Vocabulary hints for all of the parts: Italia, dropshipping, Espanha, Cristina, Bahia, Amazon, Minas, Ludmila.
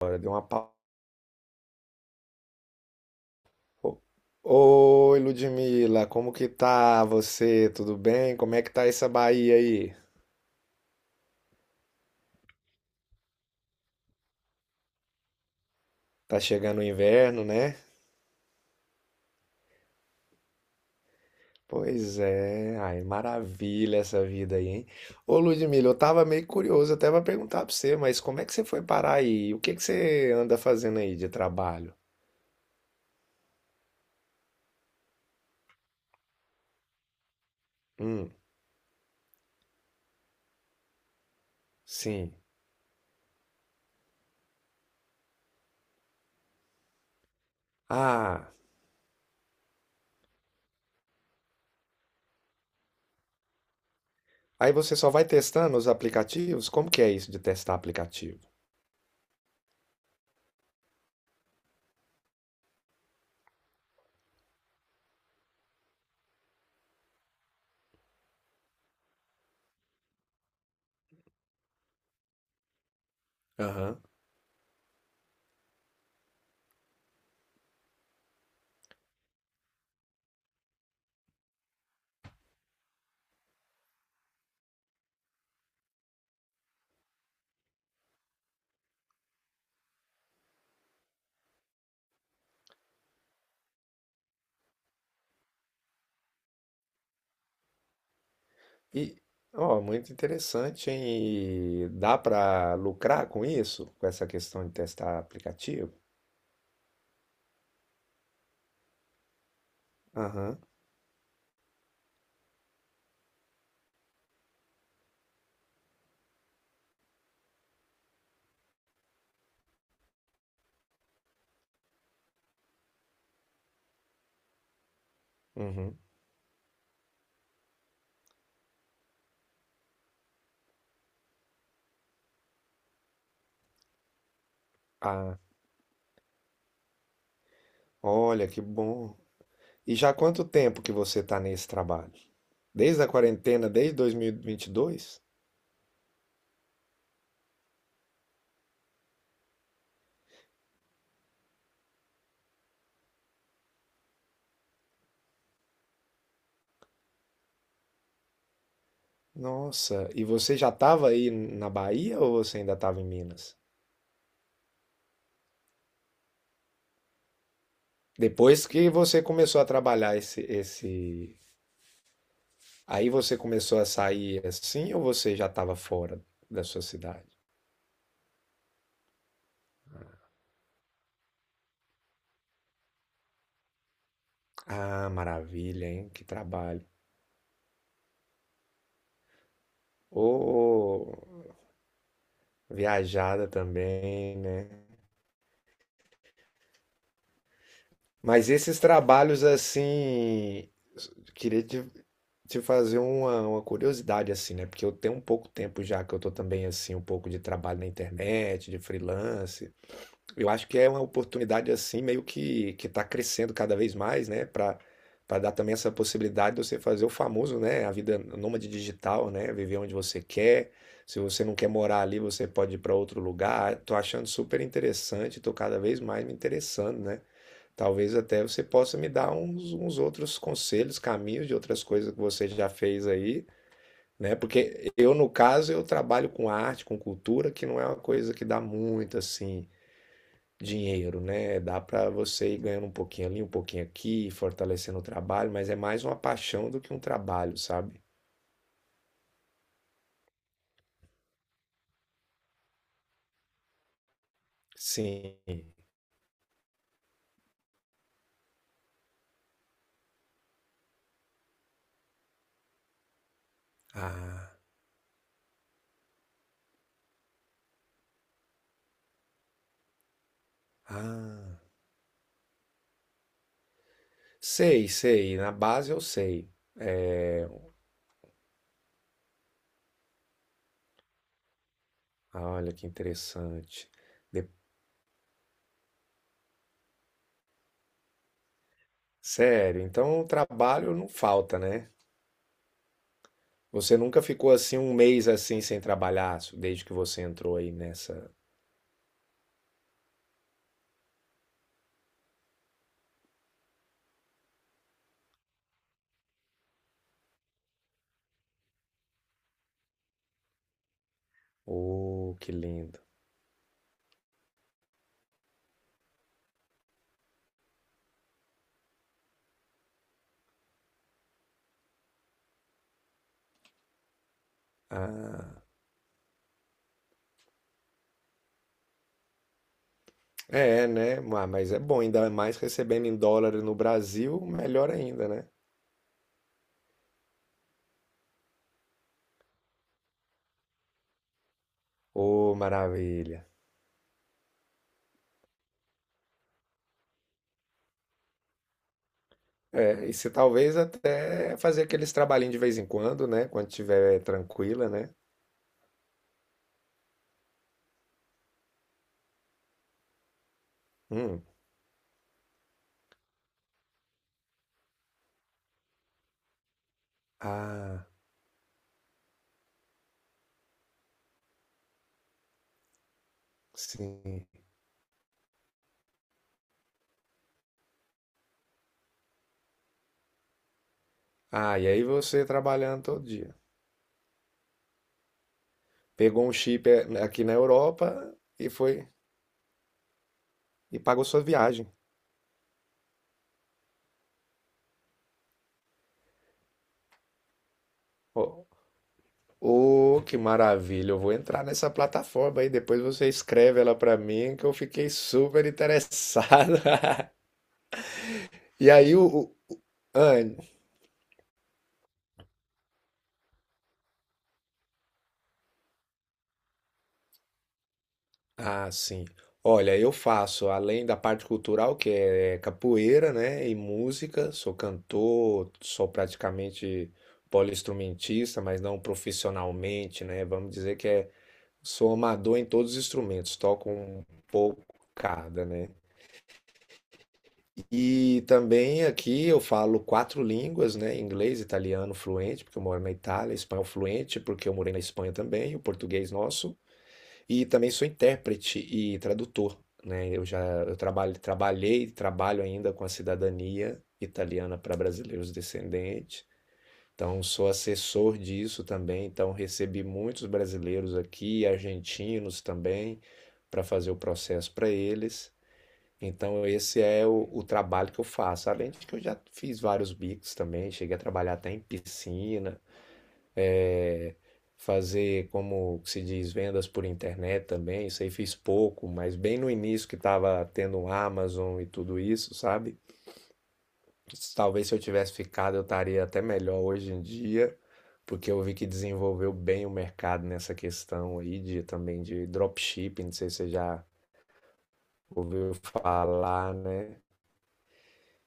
Agora deu uma pausa. Oi, Ludmila, como que tá você? Tudo bem? Como é que tá essa Bahia aí? Tá chegando o inverno, né? Pois é, ai, maravilha essa vida aí, hein? Ô, Ludmila, eu tava meio curioso até pra perguntar pra você, mas como é que você foi parar aí? O que que você anda fazendo aí de trabalho? Hum, sim. Ah, aí você só vai testando os aplicativos? Como que é isso de testar aplicativo? Aham. E, ó, muito interessante, hein? E dá para lucrar com isso? Com essa questão de testar aplicativo? Aham, uhum. Ah, olha que bom. E já há quanto tempo que você está nesse trabalho? Desde a quarentena, desde dois mil e vinte e dois? Nossa, e você já estava aí na Bahia ou você ainda estava em Minas? Depois que você começou a trabalhar esse... Aí você começou a sair assim ou você já estava fora da sua cidade? Ah, maravilha, hein? Que trabalho. Ô, viajada também, né? Mas esses trabalhos assim, queria te fazer uma curiosidade assim, né? Porque eu tenho um pouco tempo já que eu tô também assim, um pouco de trabalho na internet, de freelance. Eu acho que é uma oportunidade assim, meio que está crescendo cada vez mais, né? Para dar também essa possibilidade de você fazer o famoso, né? A vida nômade digital, né? Viver onde você quer. Se você não quer morar ali, você pode ir para outro lugar. Tô achando super interessante, tô cada vez mais me interessando, né? Talvez até você possa me dar uns outros conselhos, caminhos de outras coisas que você já fez aí, né? Porque eu, no caso, eu trabalho com arte, com cultura, que não é uma coisa que dá muito assim dinheiro, né? Dá para você ir ganhando um pouquinho ali, um pouquinho aqui, fortalecendo o trabalho, mas é mais uma paixão do que um trabalho, sabe? Sim. Ah, ah. Sei, sei. Na base eu sei. É... ah, olha que interessante. De- Sério, então o trabalho não falta, né? Você nunca ficou assim um mês assim sem trabalhar, desde que você entrou aí nessa. Oh, que lindo. Ah. É, né? Ma- Mas é bom, ainda mais recebendo em dólar no Brasil, melhor ainda, né? Ô, maravilha. É, e se talvez até fazer aqueles trabalhinhos de vez em quando, né? Quando estiver tranquila, né? Hum. Ah, sim. Ah, e aí você trabalhando todo dia. Pegou um chip é, aqui na Europa e foi e pagou sua viagem. Ô, ô, que maravilha! Eu vou entrar nessa plataforma aí, depois você escreve ela pra mim que eu fiquei super interessado. E aí Anne, ah, sim. Olha, eu faço, além da parte cultural, que é capoeira, né, e música, sou cantor, sou praticamente poliinstrumentista, mas não profissionalmente, né? Vamos dizer que é, sou amador em todos os instrumentos, toco um pouco cada, né? E também aqui eu falo 4 línguas, né? Inglês, italiano fluente, porque eu moro na Itália, espanhol fluente, porque eu morei na Espanha também, o português nosso. E também sou intérprete e tradutor, né? Eu já eu trabalho, trabalhei e trabalho ainda com a cidadania italiana para brasileiros descendentes. Então, sou assessor disso também. Então, recebi muitos brasileiros aqui, argentinos também, para fazer o processo para eles. Então, esse é o trabalho que eu faço. Além de que eu já fiz vários bicos também, cheguei a trabalhar até em piscina é, fazer, como se diz, vendas por internet também. Isso aí fiz pouco, mas bem no início que estava tendo Amazon e tudo isso, sabe? Talvez se eu tivesse ficado, eu estaria até melhor hoje em dia, porque eu vi que desenvolveu bem o mercado nessa questão aí de também de dropshipping, não sei se você já ouviu falar, né?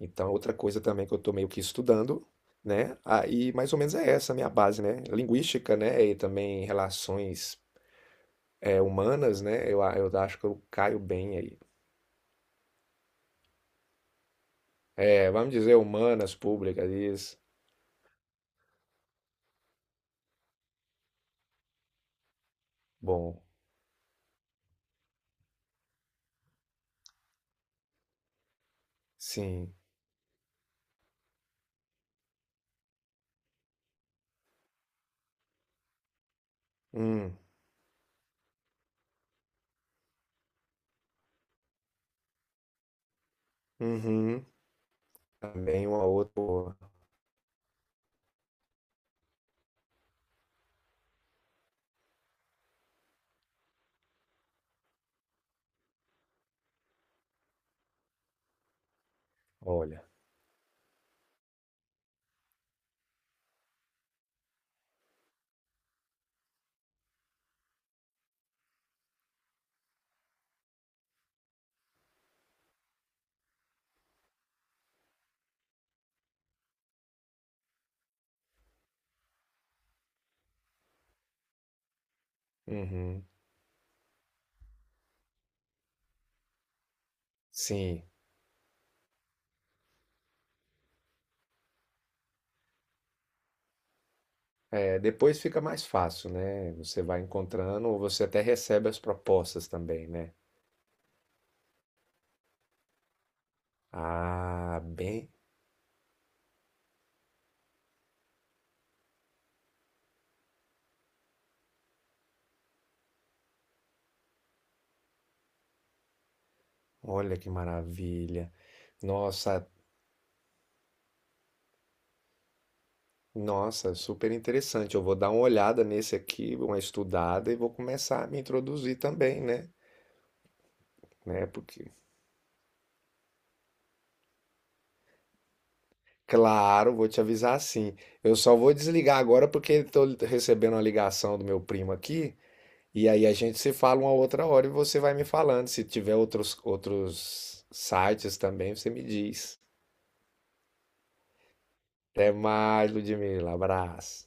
Então, outra coisa também que eu tô meio que estudando, né? Aí, mais ou menos é essa a minha base, né? Linguística, né? E também relações humanas, né? Eu acho que eu caio bem aí. É, vamos dizer humanas, públicas, isso. Bom, sim. Hum, uhum. Também uma outra. Boa. Olha, uhum. Sim. É, depois fica mais fácil, né? Você vai encontrando ou você até recebe as propostas também, né? Ah, bem. Olha que maravilha. Nossa, nossa, super interessante. Eu vou dar uma olhada nesse aqui, uma estudada e vou começar a me introduzir também, né? Né? Porque, claro, vou te avisar assim. Eu só vou desligar agora porque estou recebendo uma ligação do meu primo aqui. E aí a gente se fala uma outra hora e você vai me falando. Se tiver outros sites também, você me diz. Até mais, Ludmila. Abraço.